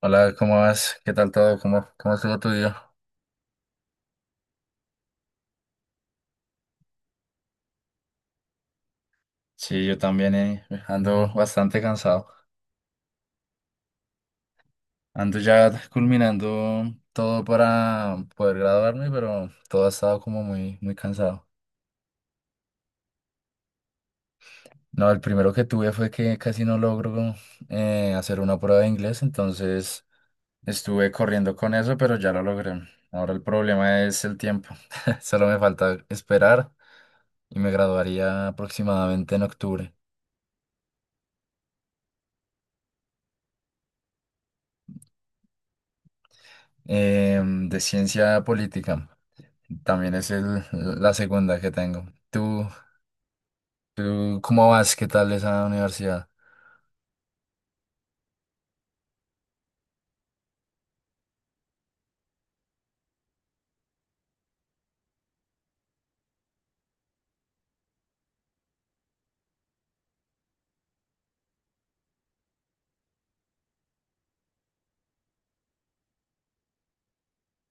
Hola, ¿cómo vas? ¿Qué tal todo? ¿Cómo estuvo tu día? Sí, yo también ando bastante cansado. Ando ya culminando todo para poder graduarme, pero todo ha estado como muy cansado. No, el primero que tuve fue que casi no logro hacer una prueba de inglés, entonces estuve corriendo con eso, pero ya lo logré. Ahora el problema es el tiempo. Solo me falta esperar y me graduaría aproximadamente en octubre. De ciencia política. También es la segunda que tengo. ¿Tú cómo vas? ¿Qué tal esa universidad?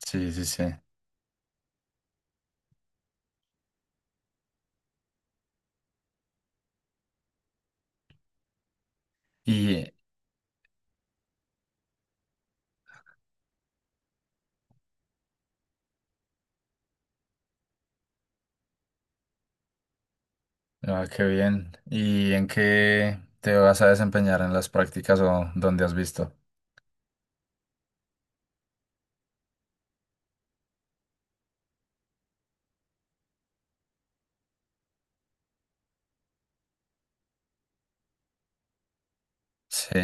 Sí, sí, sí. Y, ah, qué bien. ¿Y en qué te vas a desempeñar en las prácticas o dónde has visto? Sí,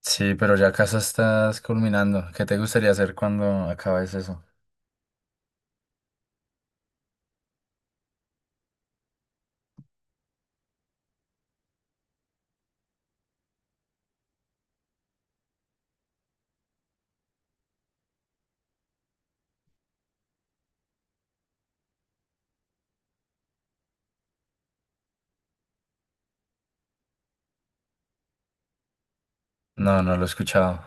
sí, pero ya casa estás culminando. ¿Qué te gustaría hacer cuando acabes eso? No, no lo he escuchado.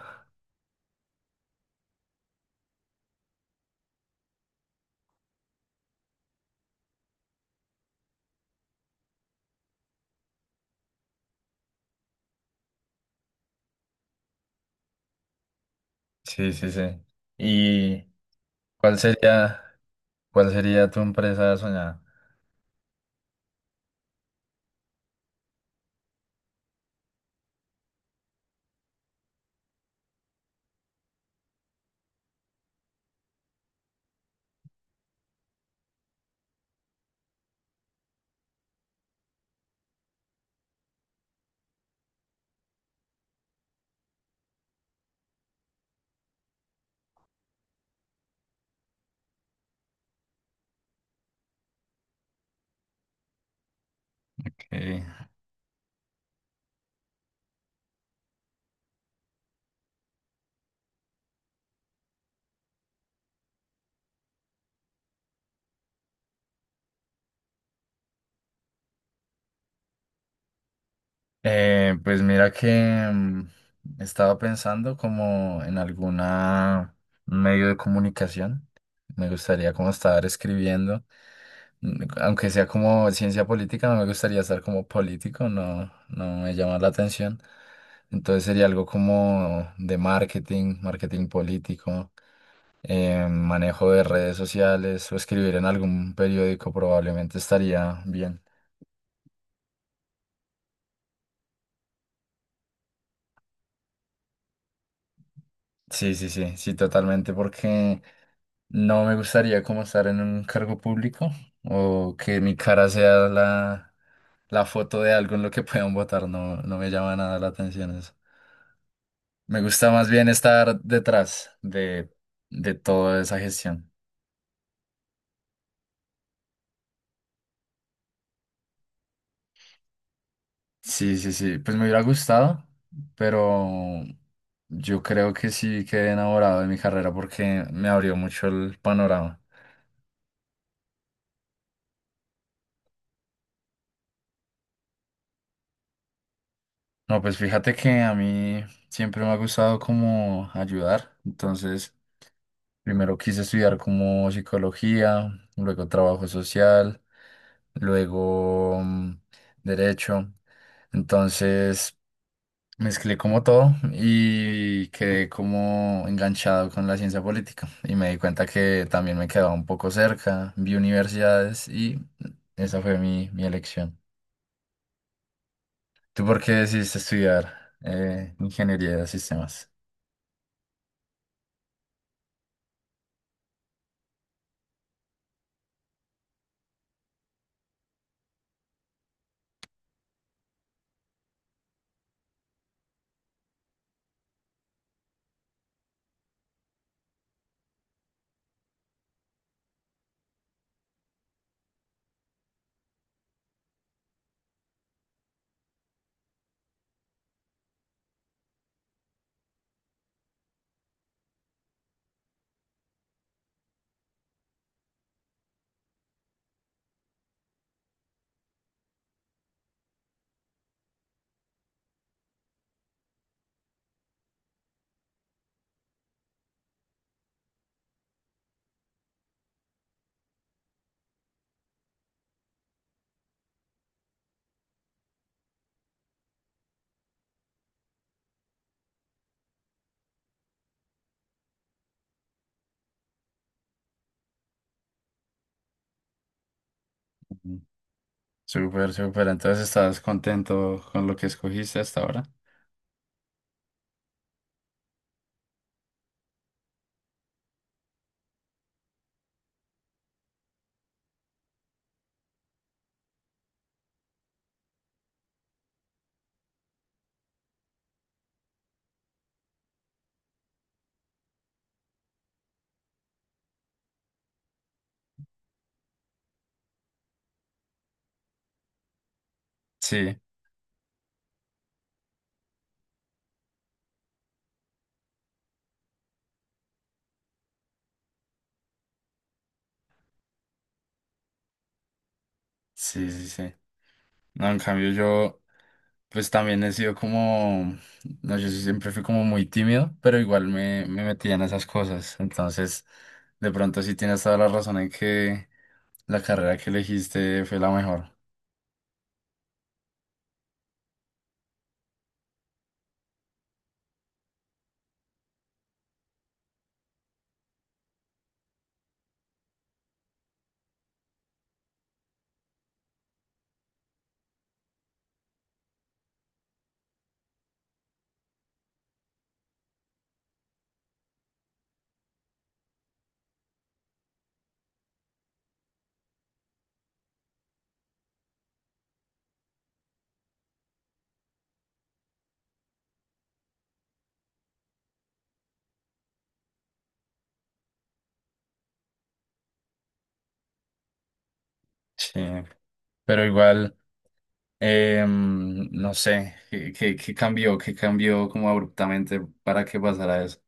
Sí, sí, sí. ¿Y cuál sería, cuál sería tu empresa soñada? Ok. Pues mira que mm, estaba pensando como en alguna medio de comunicación. Me gustaría como estar escribiendo, mm, aunque sea como ciencia política, no me gustaría estar como político, no, no me llama la atención. Entonces sería algo como de marketing, marketing político, manejo de redes sociales o escribir en algún periódico probablemente estaría bien. Sí, sí, sí, sí, totalmente, porque no me gustaría como estar en un cargo público o que mi cara sea la foto de algo en lo que puedan votar. No, no me llama nada la atención eso. Me gusta más bien estar detrás de toda esa gestión. Sí, sí, sí. Pues me hubiera gustado, pero yo creo que sí quedé enamorado de mi carrera porque me abrió mucho el panorama. No, pues fíjate que a mí siempre me ha gustado como ayudar. Entonces, primero quise estudiar como psicología, luego trabajo social, luego mm, derecho. Entonces mezclé como todo y quedé como enganchado con la ciencia política. Y me di cuenta que también me quedaba un poco cerca, vi universidades y esa fue mi elección. ¿Tú por qué decidiste estudiar ingeniería de sistemas? Ujú. Súper, súper. Entonces, ¿estás contento con lo que escogiste hasta ahora? Sí, sí, sí, sí. No, en cambio yo, pues también he sido como, no, yo sí siempre fui como muy tímido, pero igual me metía en esas cosas. Entonces, de pronto sí tienes toda la razón en que la carrera que elegiste fue la mejor. Sí, pero igual, em, no sé, ¿qué cambió? ¿Qué cambió como abruptamente para que pasara eso?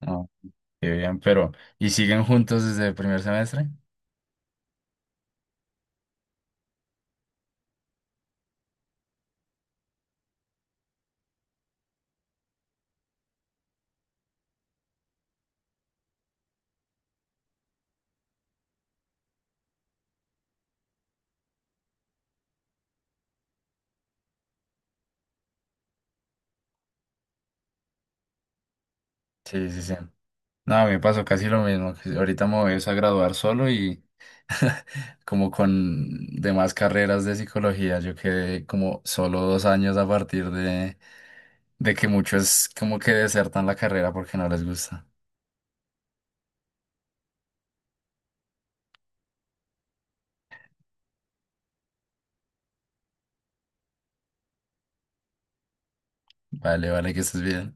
No, qué bien, pero ¿y siguen juntos desde el primer semestre? Sí, sí, sí. No, a mí me pasó casi lo mismo. Que ahorita me voy es a graduar solo y como con demás carreras de psicología, yo quedé como solo 2 años a partir de que muchos como que desertan la carrera porque no les gusta. Vale, vale, que estés bien.